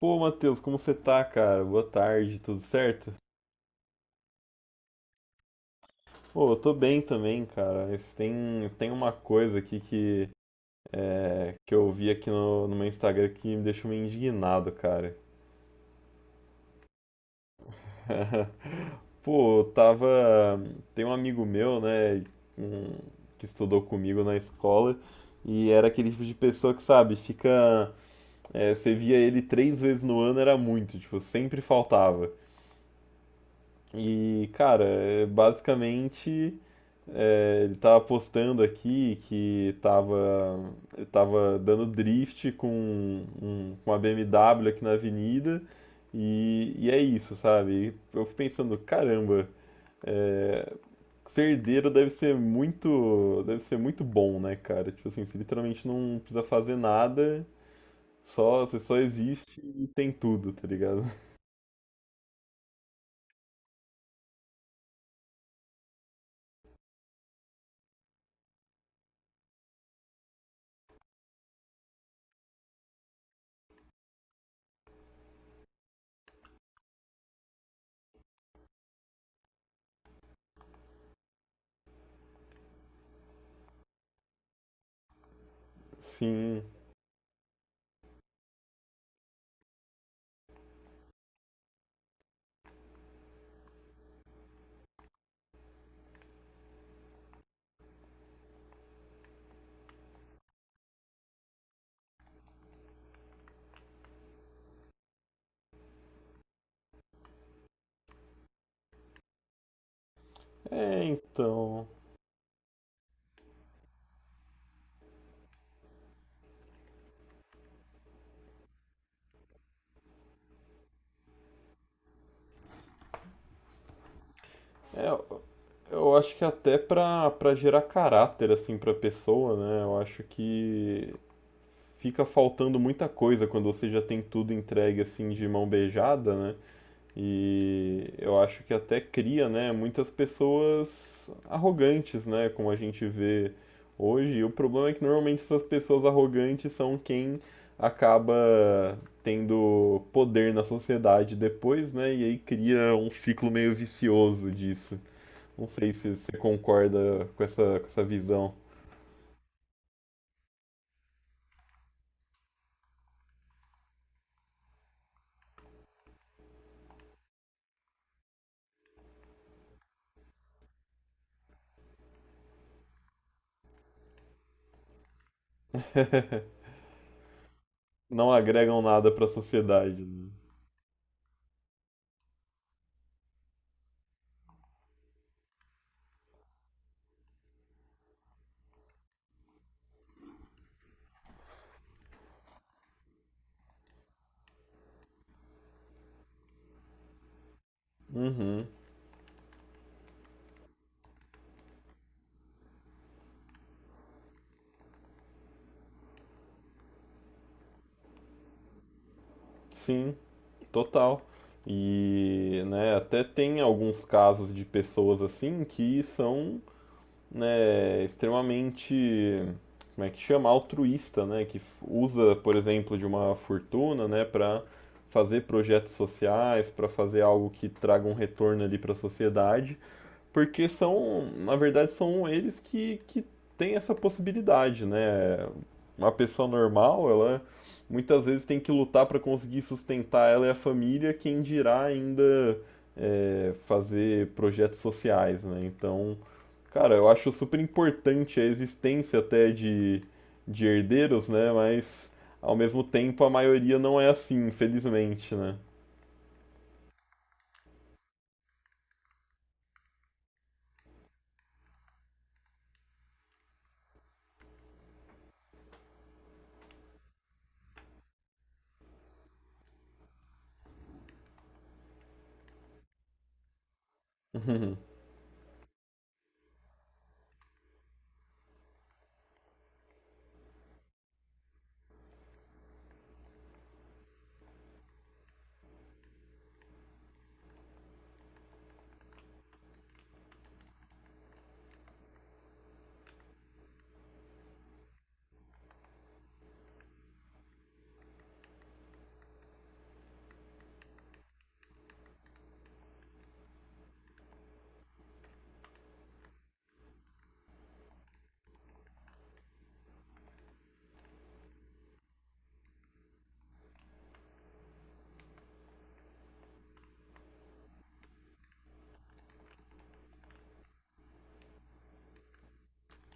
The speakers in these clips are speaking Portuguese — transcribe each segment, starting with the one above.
Pô, Matheus, como você tá, cara? Boa tarde, tudo certo? Pô, eu tô bem também, cara. Mas tem uma coisa aqui que, que eu vi aqui no meu Instagram que me deixou meio indignado, cara. Pô, eu tava. Tem um amigo meu, né, um- que estudou comigo na escola, e era aquele tipo de pessoa que, sabe, fica. Você via ele três vezes no ano, era muito, tipo, sempre faltava. E, cara, basicamente. Ele tava postando aqui que tava, ele tava dando drift com uma BMW aqui na avenida e, é isso, sabe? E eu fico pensando, caramba, é, ser herdeiro deve ser muito bom, né, cara? Tipo assim, você literalmente não precisa fazer nada, só, você só existe e tem tudo, tá ligado? Sim, é, então... É, eu acho que até pra gerar caráter, assim, pra pessoa, né? Eu acho que fica faltando muita coisa quando você já tem tudo entregue, assim, de mão beijada, né? E eu acho que até cria, né, muitas pessoas arrogantes, né? Como a gente vê hoje. E o problema é que normalmente essas pessoas arrogantes são quem acaba tendo poder na sociedade depois, né? E aí cria um ciclo meio vicioso disso. Não sei se você concorda com essa visão. Não agregam nada para a sociedade, né? Uhum. Sim, total. E, né, até tem alguns casos de pessoas assim que são, né, extremamente, como é que chama, altruísta, né, que usa, por exemplo, de uma fortuna, né, para fazer projetos sociais, para fazer algo que traga um retorno ali para a sociedade. Porque são, na verdade, são eles que têm essa possibilidade, né? Uma pessoa normal, ela muitas vezes tem que lutar para conseguir sustentar ela e a família, quem dirá ainda fazer projetos sociais, né? Então, cara, eu acho super importante a existência até de herdeiros, né? Mas, ao mesmo tempo, a maioria não é assim, infelizmente, né?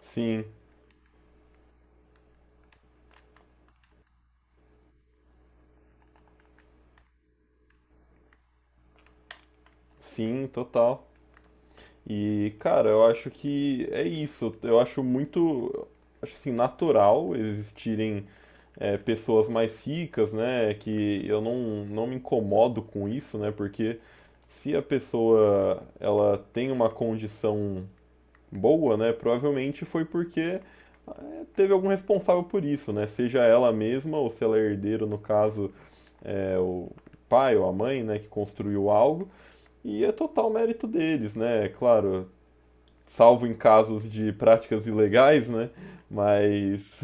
Sim, sim, total. E, cara, eu acho que é isso. Eu acho muito, acho assim, natural existirem pessoas mais ricas, né? Que eu não, não me incomodo com isso, né? Porque se a pessoa ela tem uma condição boa, né? Provavelmente foi porque teve algum responsável por isso, né? Seja ela mesma ou se ela é herdeiro, no caso, é o pai ou a mãe, né? Que construiu algo. E é total mérito deles, né? Claro, salvo em casos de práticas ilegais, né? Mas,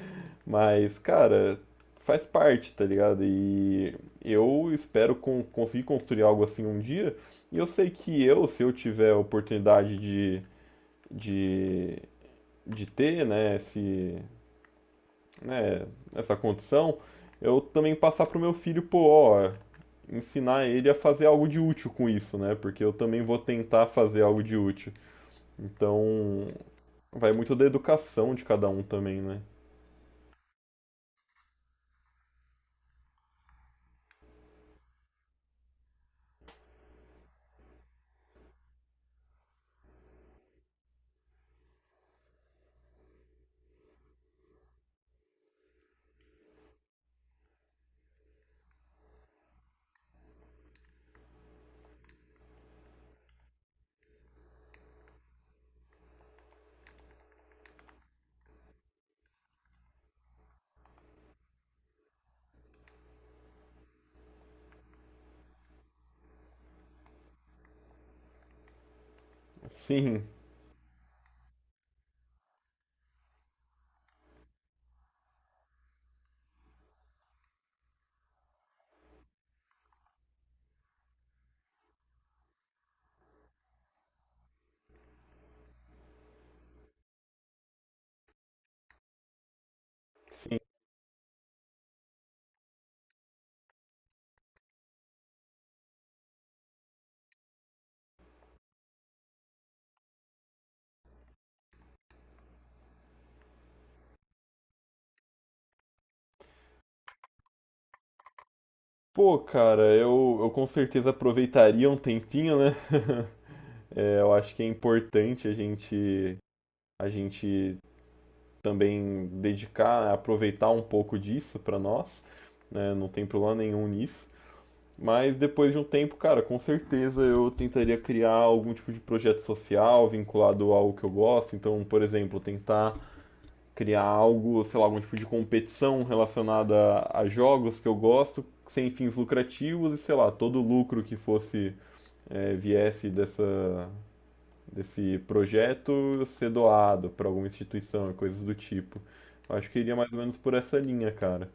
mas, cara, faz parte, tá ligado? E eu espero conseguir construir algo assim um dia. E eu sei que eu, se eu tiver a oportunidade de, de ter, né, esse, né, essa condição, eu também passar pro meu filho, pô, ó, ensinar ele a fazer algo de útil com isso, né? Porque eu também vou tentar fazer algo de útil. Então, vai muito da educação de cada um também, né? Sim, sim. Pô, cara, eu com certeza aproveitaria um tempinho, né? É, eu acho que é importante a gente também dedicar, aproveitar um pouco disso pra nós, né? Não tem problema nenhum nisso. Mas depois de um tempo, cara, com certeza eu tentaria criar algum tipo de projeto social vinculado a algo que eu gosto. Então, por exemplo, tentar criar algo, sei lá, algum tipo de competição relacionada a, jogos que eu gosto, sem fins lucrativos e sei lá, todo lucro que fosse é, viesse dessa, desse projeto ser doado para alguma instituição e coisas do tipo. Eu acho que iria mais ou menos por essa linha, cara.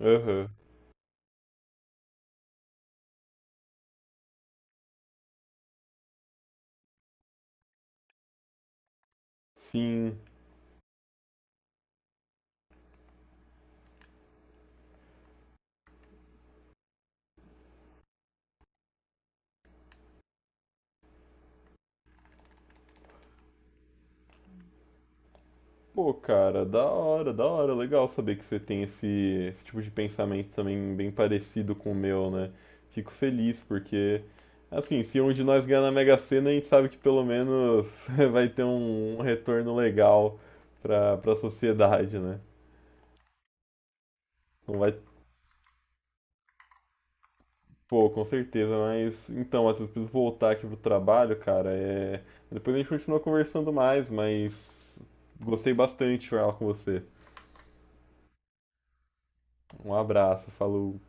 Aham. Sim. Pô, cara, da hora, da hora. Legal saber que você tem esse tipo de pensamento também bem parecido com o meu, né? Fico feliz porque, assim, se um de nós ganhar na Mega Sena, a gente sabe que pelo menos vai ter um, um retorno legal pra sociedade, né? Não vai, pô, com certeza, mas então, Matheus, preciso voltar aqui pro trabalho, cara. É... Depois a gente continua conversando mais, mas gostei bastante de falar com você. Um abraço, falou.